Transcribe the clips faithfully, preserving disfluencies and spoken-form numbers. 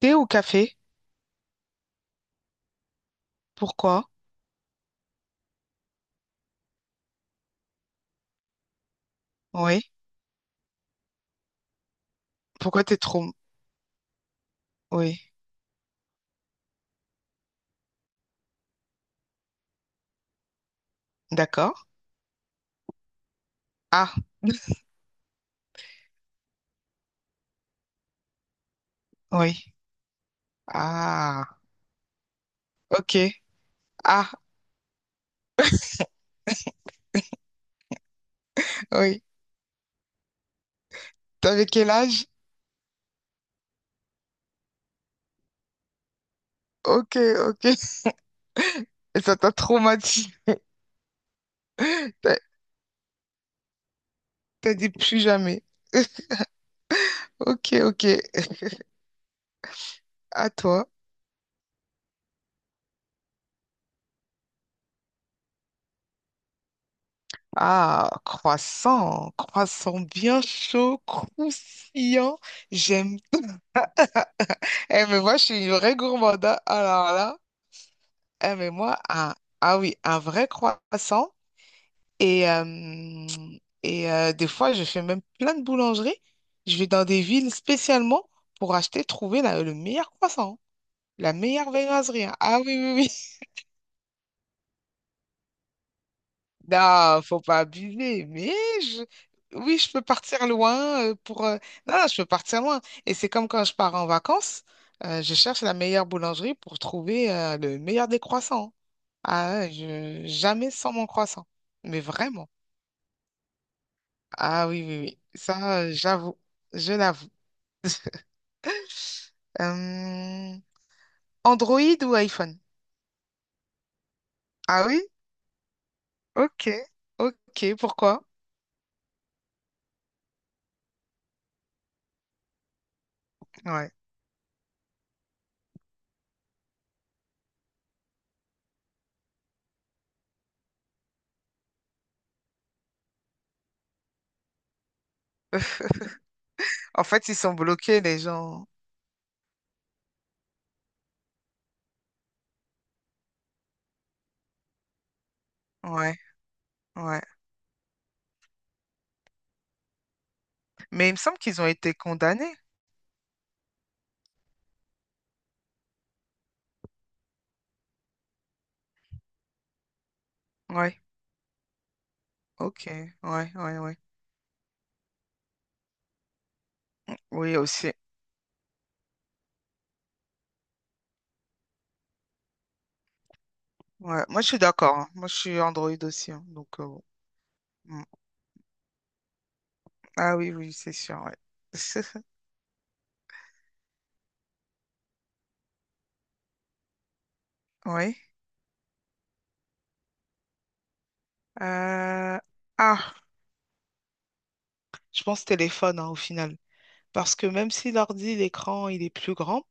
Thé ou café? Pourquoi? Oui. Pourquoi t'es trop... Oui. D'accord. Ah, oui. Ah, ok. Ah, oui. T'avais quel âge? Ok, ok. Et ça t'a traumatisé. T'as t'as dit plus jamais. Ok, ok. À toi. Ah, croissant. Croissant bien chaud, croustillant. J'aime. Eh, mais moi, je suis une vraie gourmande, hein. Alors là. Eh, mais moi, un... Ah oui, un vrai croissant. Et, euh, et euh, des fois, je fais même plein de boulangeries. Je vais dans des villes spécialement pour acheter, trouver la- le meilleur croissant, hein, la meilleure viennoiserie, hein. Ah oui, oui, oui. Non, faut pas abuser. Mais je- oui, je peux partir loin euh, pour. euh, Non, non, je peux partir loin. Et c'est comme quand je pars en vacances, euh, je cherche la meilleure boulangerie pour trouver euh, le meilleur des croissants. Ah, ouais, je... jamais sans mon croissant. Mais vraiment. Ah oui, oui, oui. Ça, euh, j'avoue. Je l'avoue. Euh, Android ou iPhone? Ah oui? Ok, ok, pourquoi? Ouais. En fait, ils sont bloqués, les gens. Ouais, ouais. Mais il me semble qu'ils ont été condamnés. Ouais, ok, ouais, ouais, ouais. Oui, aussi. Ouais. Moi, je suis d'accord, hein. Moi, je suis Android aussi, hein. Donc, euh, bon. Mm. Ah oui, oui, c'est sûr, ouais. Oui. Euh, Ah, je pense téléphone, hein, au final. Parce que même si l'ordi, l'écran, il est plus grand,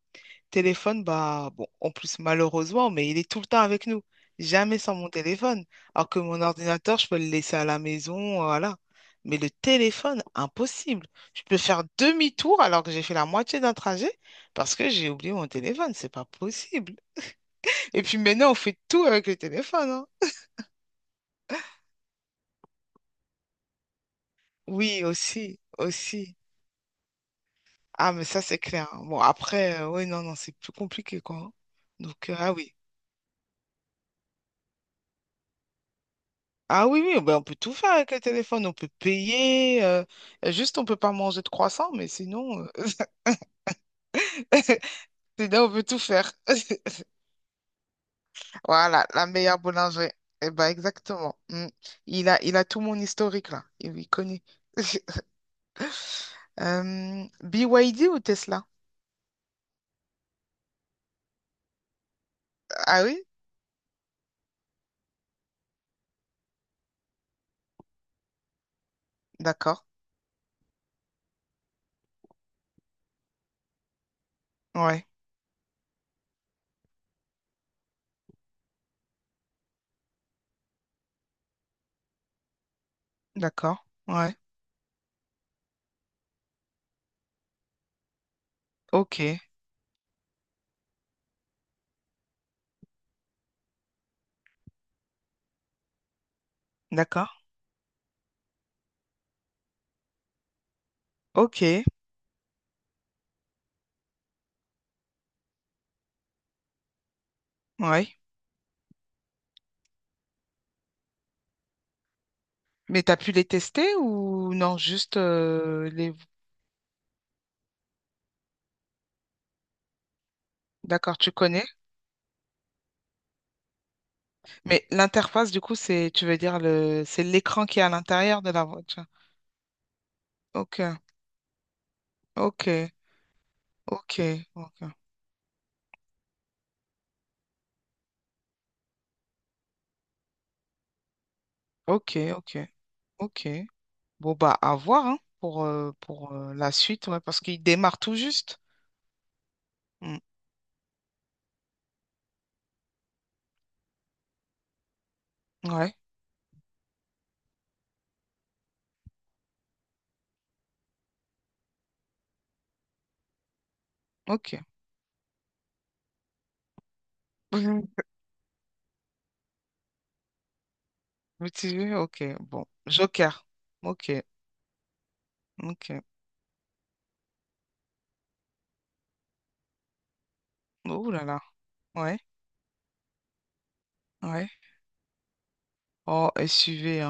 téléphone, bah, bon, en plus, malheureusement, mais il est tout le temps avec nous. Jamais sans mon téléphone. Alors que mon ordinateur, je peux le laisser à la maison, euh, voilà. Mais le téléphone, impossible. Je peux faire demi-tour alors que j'ai fait la moitié d'un trajet parce que j'ai oublié mon téléphone. C'est pas possible. Et puis maintenant, on fait tout avec le téléphone, hein. Oui, aussi, aussi. Ah, mais ça, c'est clair, hein. Bon, après, oui, non, non, c'est plus compliqué, quoi, hein. Donc, euh, ah oui. Ah oui, oui, ben on peut tout faire avec le téléphone, on peut payer, euh, juste on peut pas manger de croissant, mais sinon, euh, sinon on peut tout faire. Voilà, la meilleure boulangerie. Eh ben exactement. Mm. Il a, il a tout mon historique là, il, il connaît. Euh, B Y D ou Tesla? Ah oui? D'accord. Ouais, d'accord. Ouais. Ok, d'accord. Ok, ouais. Mais t'as pu les tester ou non, juste euh, les... D'accord, tu connais? Mais l'interface, du coup, c'est, tu veux dire, le, c'est l'écran qui est à l'intérieur de la voiture. Ok, ok, ok, ok, ok, ok, ok. Bon, bah, à voir, hein, pour, euh, pour euh, la suite, ouais, parce qu'il démarre tout juste. Mm. Ouais, ok. Mitigé, ok, bon. Joker, ok, ok. Oh là là, ouais, ouais. Oh, S U V,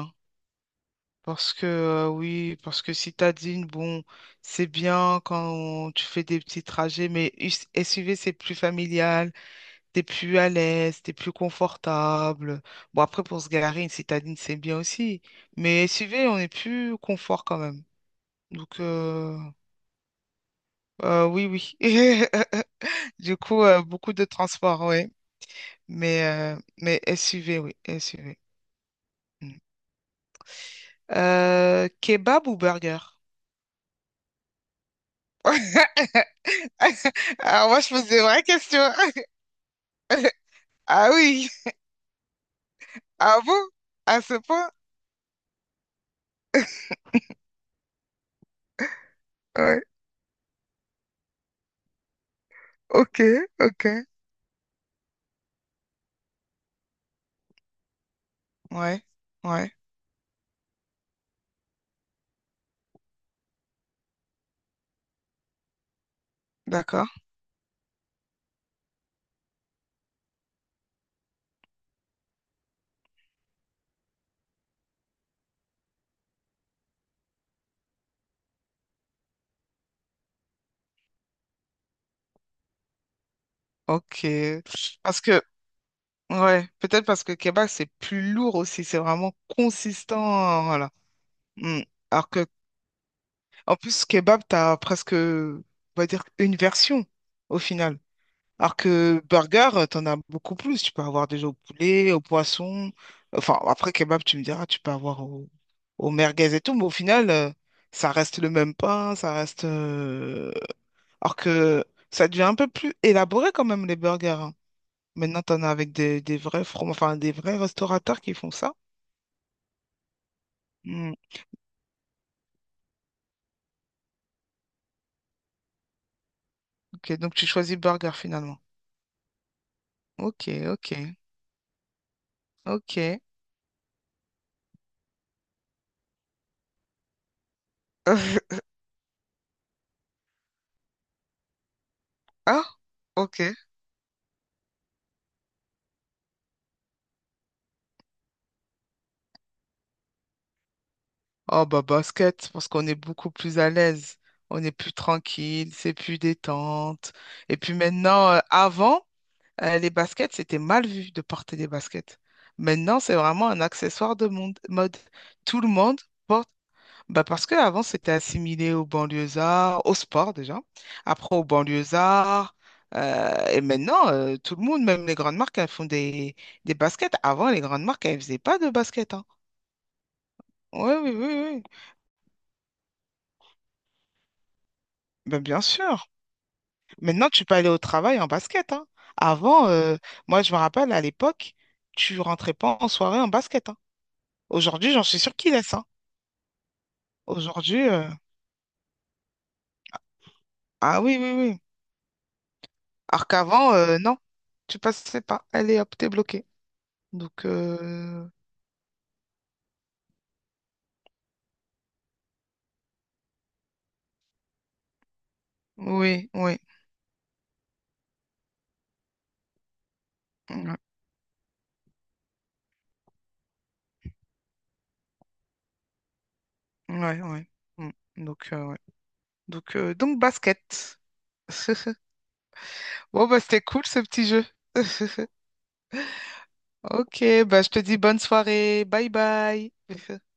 parce que euh, oui, parce que citadine, bon, c'est bien quand tu fais des petits trajets, mais U S- S U V, c'est plus familial, t'es plus à l'aise, t'es plus confortable. Bon, après, pour se garer, une citadine, c'est bien aussi. Mais S U V, on est plus confort quand même. Donc, euh, euh, oui, oui. Du coup, euh, beaucoup de transport, oui. Mais, euh, mais S U V, oui, S U V. Mm. Euh, kebab ou burger? Alors moi, je pose des vraies questions. Ah oui. Ah bon? À ce point? Ouais. Ok, ok. Ouais, ouais. D'accord. Ok. Parce que, ouais, peut-être parce que kebab, c'est plus lourd aussi. C'est vraiment consistant. Voilà. Mm. Alors que, en plus, kebab, t'as presque, on va dire, une version au final. Alors que burger, euh, t'en as beaucoup plus. Tu peux avoir déjà au poulet, au poisson. Enfin, après, kebab, tu me diras, tu peux avoir au, au merguez et tout. Mais au final, euh, ça reste le même pain, ça reste... euh, alors que ça devient un peu plus élaboré quand même, les burgers, hein. Maintenant, t'en as avec des, des vrais from... enfin, des vrais restaurateurs qui font ça. Hmm, ok, donc tu choisis burger finalement. Ok, ok, ok. Ah, ok. Oh bah basket, parce qu'on est beaucoup plus à l'aise, on est plus tranquille, c'est plus détente. Et puis maintenant, euh, avant, euh, les baskets, c'était mal vu de porter des baskets. Maintenant, c'est vraiment un accessoire de monde- mode. Tout le monde porte, bah parce qu'avant, c'était assimilé aux banlieusards, au sport déjà, après aux banlieusards. Euh, et maintenant, euh, tout le monde, même les grandes marques, elles font des, des baskets. Avant, les grandes marques, elles faisaient pas de baskets, hein. Oui, oui, oui, oui. Ben, bien sûr. Maintenant, tu peux aller au travail en basket, hein. Avant, euh, moi, je me rappelle, à l'époque, tu rentrais pas en soirée en basket, hein. Aujourd'hui, j'en suis sûre qu'ils laissent, hein. Aujourd'hui, euh, ah oui, oui, oui. Alors qu'avant, euh, non, tu passais pas. Allez, hop, t'es bloqué. Donc, euh, oui, oui, ouais, ouais, ouais. Mm. Donc, euh, ouais. Donc, euh, donc, basket. Bon, bah, c'était cool, ce petit jeu. Ok, bah, je te dis bonne soirée. Bye bye.